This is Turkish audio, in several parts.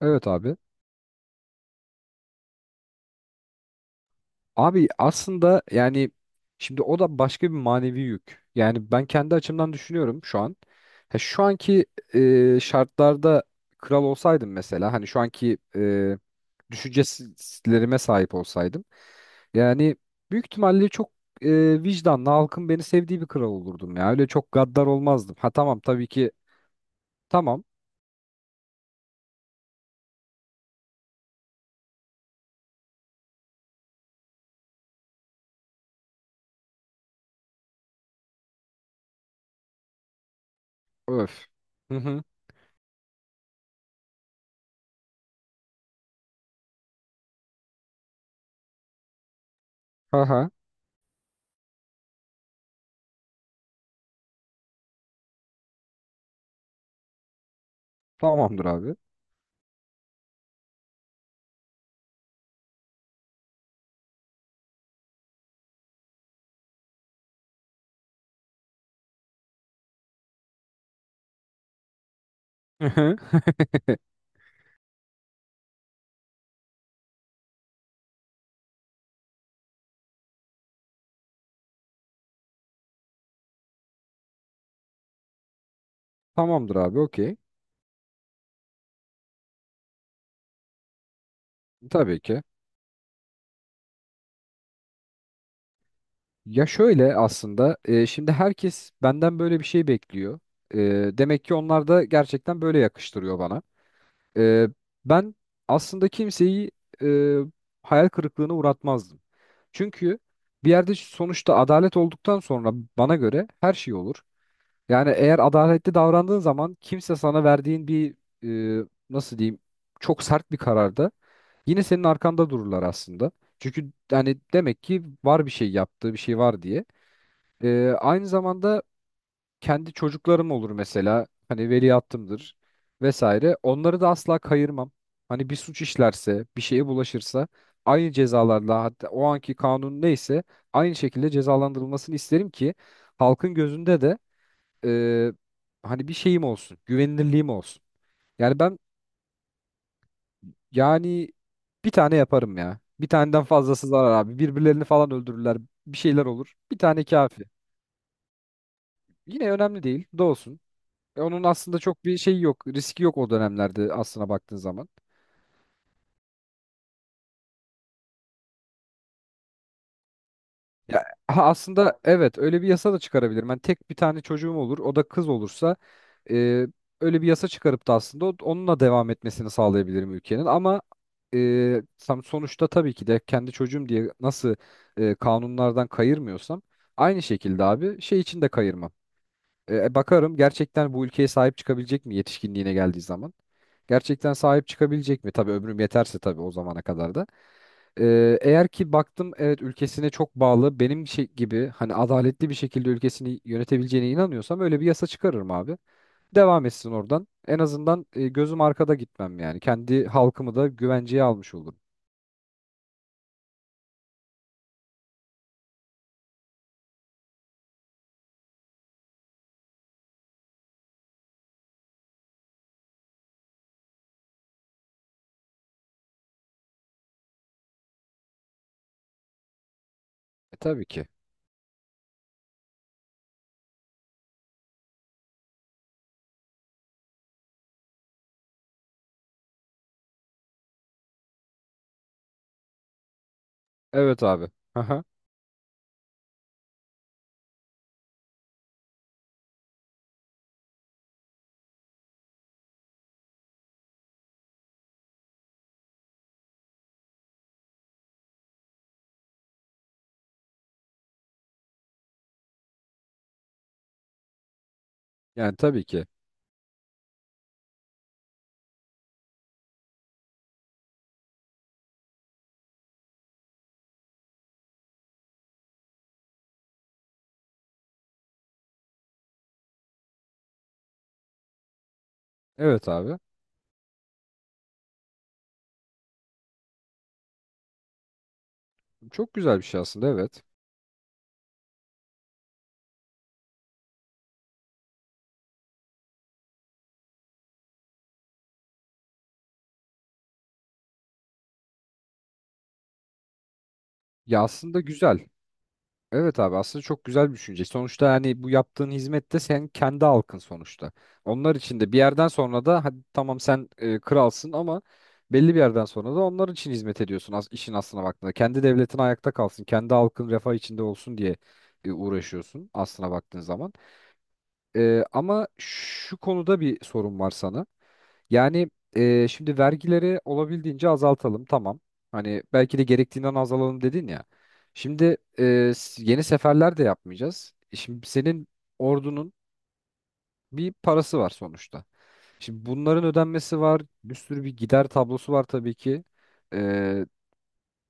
Evet abi. Abi aslında yani şimdi o da başka bir manevi yük. Yani ben kendi açımdan düşünüyorum şu an. Ha, şu anki şartlarda kral olsaydım mesela hani şu anki düşüncelerime sahip olsaydım. Yani büyük ihtimalle çok vicdanlı halkın beni sevdiği bir kral olurdum ya. Öyle çok gaddar olmazdım. Ha tamam tabii ki tamam. Öf. Hı hı. Ha ha. Tamamdır abi. Hı hı. Tamamdır abi okey. Tabii ki. Ya şöyle aslında şimdi herkes benden böyle bir şey bekliyor. E, demek ki onlar da gerçekten böyle yakıştırıyor bana. E, ben aslında kimseyi e, hayal kırıklığına uğratmazdım. Çünkü bir yerde sonuçta adalet olduktan sonra bana göre her şey olur. Yani eğer adaletli davrandığın zaman kimse sana verdiğin bir nasıl diyeyim çok sert bir kararda yine senin arkanda dururlar aslında. Çünkü yani demek ki var bir şey yaptığı bir şey var diye. Aynı zamanda kendi çocuklarım olur mesela. Hani veliahtımdır vesaire. Onları da asla kayırmam. Hani bir suç işlerse, bir şeye bulaşırsa aynı cezalarla hatta o anki kanun neyse aynı şekilde cezalandırılmasını isterim ki halkın gözünde de e, hani bir şeyim olsun, güvenilirliğim olsun. Yani ben yani bir tane yaparım ya. Bir taneden fazlası zarar abi. Birbirlerini falan öldürürler. Bir şeyler olur. Bir tane kafi. Yine önemli değil. Doğsun. E, onun aslında çok bir şeyi yok. Riski yok o dönemlerde aslına baktığın zaman. Ya ha, aslında evet öyle bir yasa da çıkarabilirim. Ben tek bir tane çocuğum olur. O da kız olursa e, öyle bir yasa çıkarıp da aslında onunla devam etmesini sağlayabilirim ülkenin. Ama tam sonuçta tabii ki de kendi çocuğum diye nasıl kanunlardan kayırmıyorsam aynı şekilde abi şey için de kayırmam. Bakarım gerçekten bu ülkeye sahip çıkabilecek mi yetişkinliğine geldiği zaman? Gerçekten sahip çıkabilecek mi? Tabii ömrüm yeterse tabii o zamana kadar da. E, eğer ki baktım evet ülkesine çok bağlı benim şey gibi hani adaletli bir şekilde ülkesini yönetebileceğine inanıyorsam öyle bir yasa çıkarırım abi. Devam etsin oradan. En azından gözüm arkada gitmem yani. Kendi halkımı da güvenceye almış olurum. E, tabii ki. Evet abi. Aha. Yani tabii ki. Evet abi. Çok güzel bir şey aslında evet. Ya aslında güzel. Evet abi aslında çok güzel bir düşünce. Sonuçta hani bu yaptığın hizmette sen kendi halkın sonuçta. Onlar için de bir yerden sonra da hadi tamam sen kralsın ama belli bir yerden sonra da onlar için hizmet ediyorsun as işin aslına baktığında. Kendi devletin ayakta kalsın, kendi halkın refah içinde olsun diye uğraşıyorsun aslına baktığın zaman. Ama şu konuda bir sorun var sana. Yani şimdi vergileri olabildiğince azaltalım tamam. Hani belki de gerektiğinden azalalım dedin ya. Şimdi yeni seferler de yapmayacağız. E, şimdi senin ordunun bir parası var sonuçta. Şimdi bunların ödenmesi var. Bir sürü bir gider tablosu var tabii ki. E,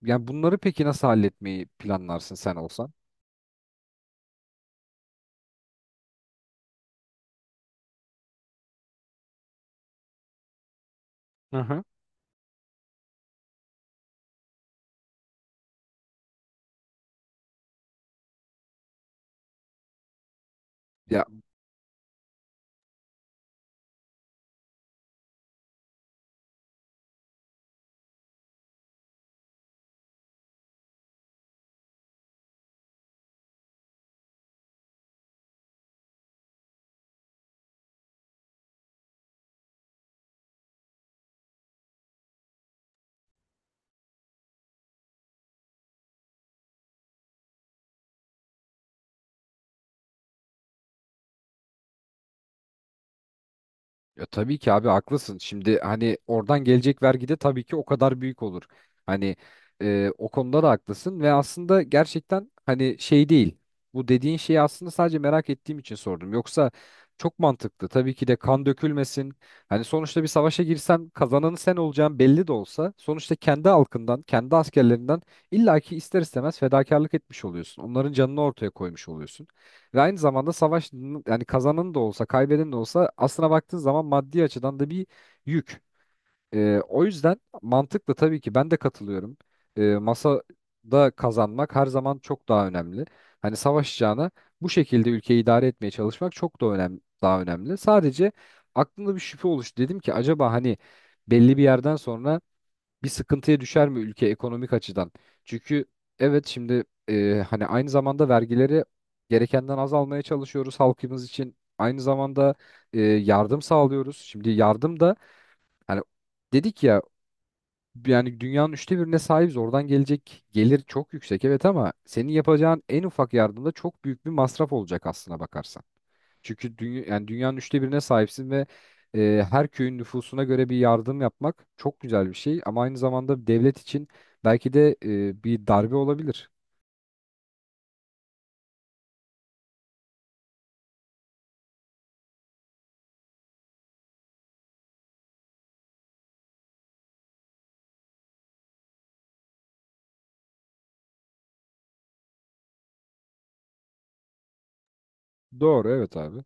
yani bunları peki nasıl halletmeyi planlarsın sen olsan? Aha. Ya tabii ki abi haklısın. Şimdi hani oradan gelecek vergi de tabii ki o kadar büyük olur. Hani o konuda da haklısın ve aslında gerçekten hani şey değil. Bu dediğin şeyi aslında sadece merak ettiğim için sordum. Yoksa çok mantıklı. Tabii ki de kan dökülmesin. Hani sonuçta bir savaşa girsen kazananı sen olacağın belli de olsa sonuçta kendi halkından, kendi askerlerinden illaki ister istemez fedakarlık etmiş oluyorsun. Onların canını ortaya koymuş oluyorsun. Ve aynı zamanda savaş yani kazanan da olsa kaybeden de olsa aslına baktığın zaman maddi açıdan da bir yük. O yüzden mantıklı tabii ki ben de katılıyorum. Masada kazanmak her zaman çok daha önemli. Hani savaşacağına bu şekilde ülkeyi idare etmeye çalışmak çok da önemli, daha önemli. Sadece aklımda bir şüphe oluştu. Dedim ki acaba hani belli bir yerden sonra bir sıkıntıya düşer mi ülke ekonomik açıdan? Çünkü evet şimdi hani aynı zamanda vergileri gerekenden az almaya çalışıyoruz halkımız için. Aynı zamanda yardım sağlıyoruz. Şimdi yardım da hani dedik ya yani dünyanın üçte birine sahibiz. Oradan gelecek gelir çok yüksek evet ama senin yapacağın en ufak yardımda çok büyük bir masraf olacak aslına bakarsan. Çünkü dünya, yani dünyanın üçte birine sahipsin ve her köyün nüfusuna göre bir yardım yapmak çok güzel bir şey ama aynı zamanda devlet için belki de bir darbe olabilir. Doğru evet abi.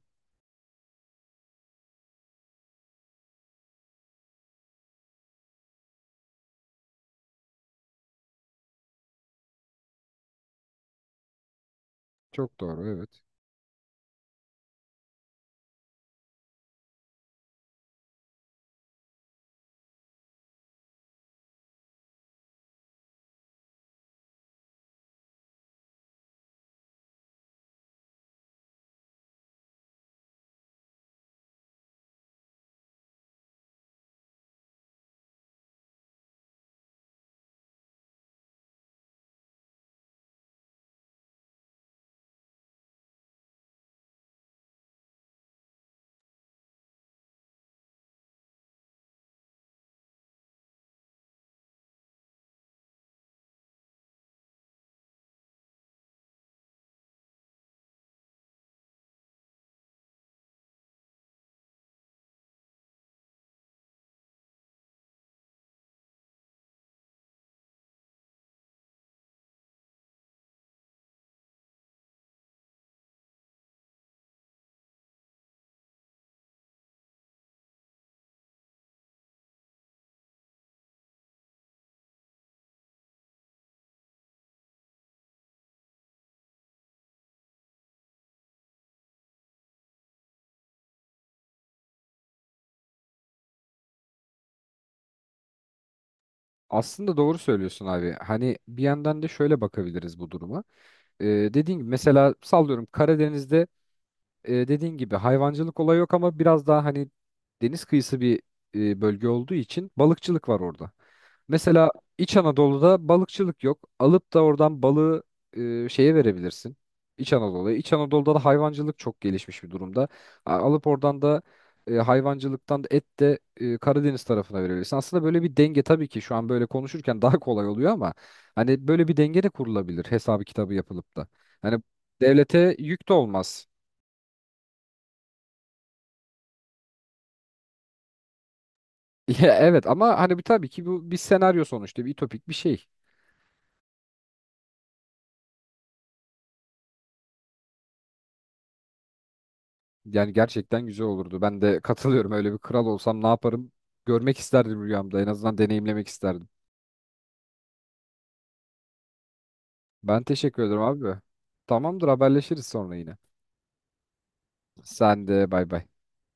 Çok doğru evet. Aslında doğru söylüyorsun abi. Hani bir yandan da şöyle bakabiliriz bu duruma. E, dediğin gibi mesela sallıyorum Karadeniz'de dediğin gibi hayvancılık olayı yok ama biraz daha hani deniz kıyısı bir bölge olduğu için balıkçılık var orada. Mesela İç Anadolu'da balıkçılık yok. Alıp da oradan balığı şeye verebilirsin. İç Anadolu'ya. İç Anadolu'da da hayvancılık çok gelişmiş bir durumda. Alıp oradan da hayvancılıktan da et de Karadeniz tarafına verebilirsin. Aslında böyle bir denge tabii ki şu an böyle konuşurken daha kolay oluyor ama hani böyle bir denge de kurulabilir hesabı kitabı yapılıp da. Hani devlete yük de olmaz. Ya evet ama hani bir tabii ki bu bir senaryo sonuçta bir ütopik bir şey. Yani gerçekten güzel olurdu. Ben de katılıyorum. Öyle bir kral olsam ne yaparım? Görmek isterdim rüyamda. En azından deneyimlemek isterdim. Ben teşekkür ederim abi. Tamamdır haberleşiriz sonra yine. Sen de bay bay.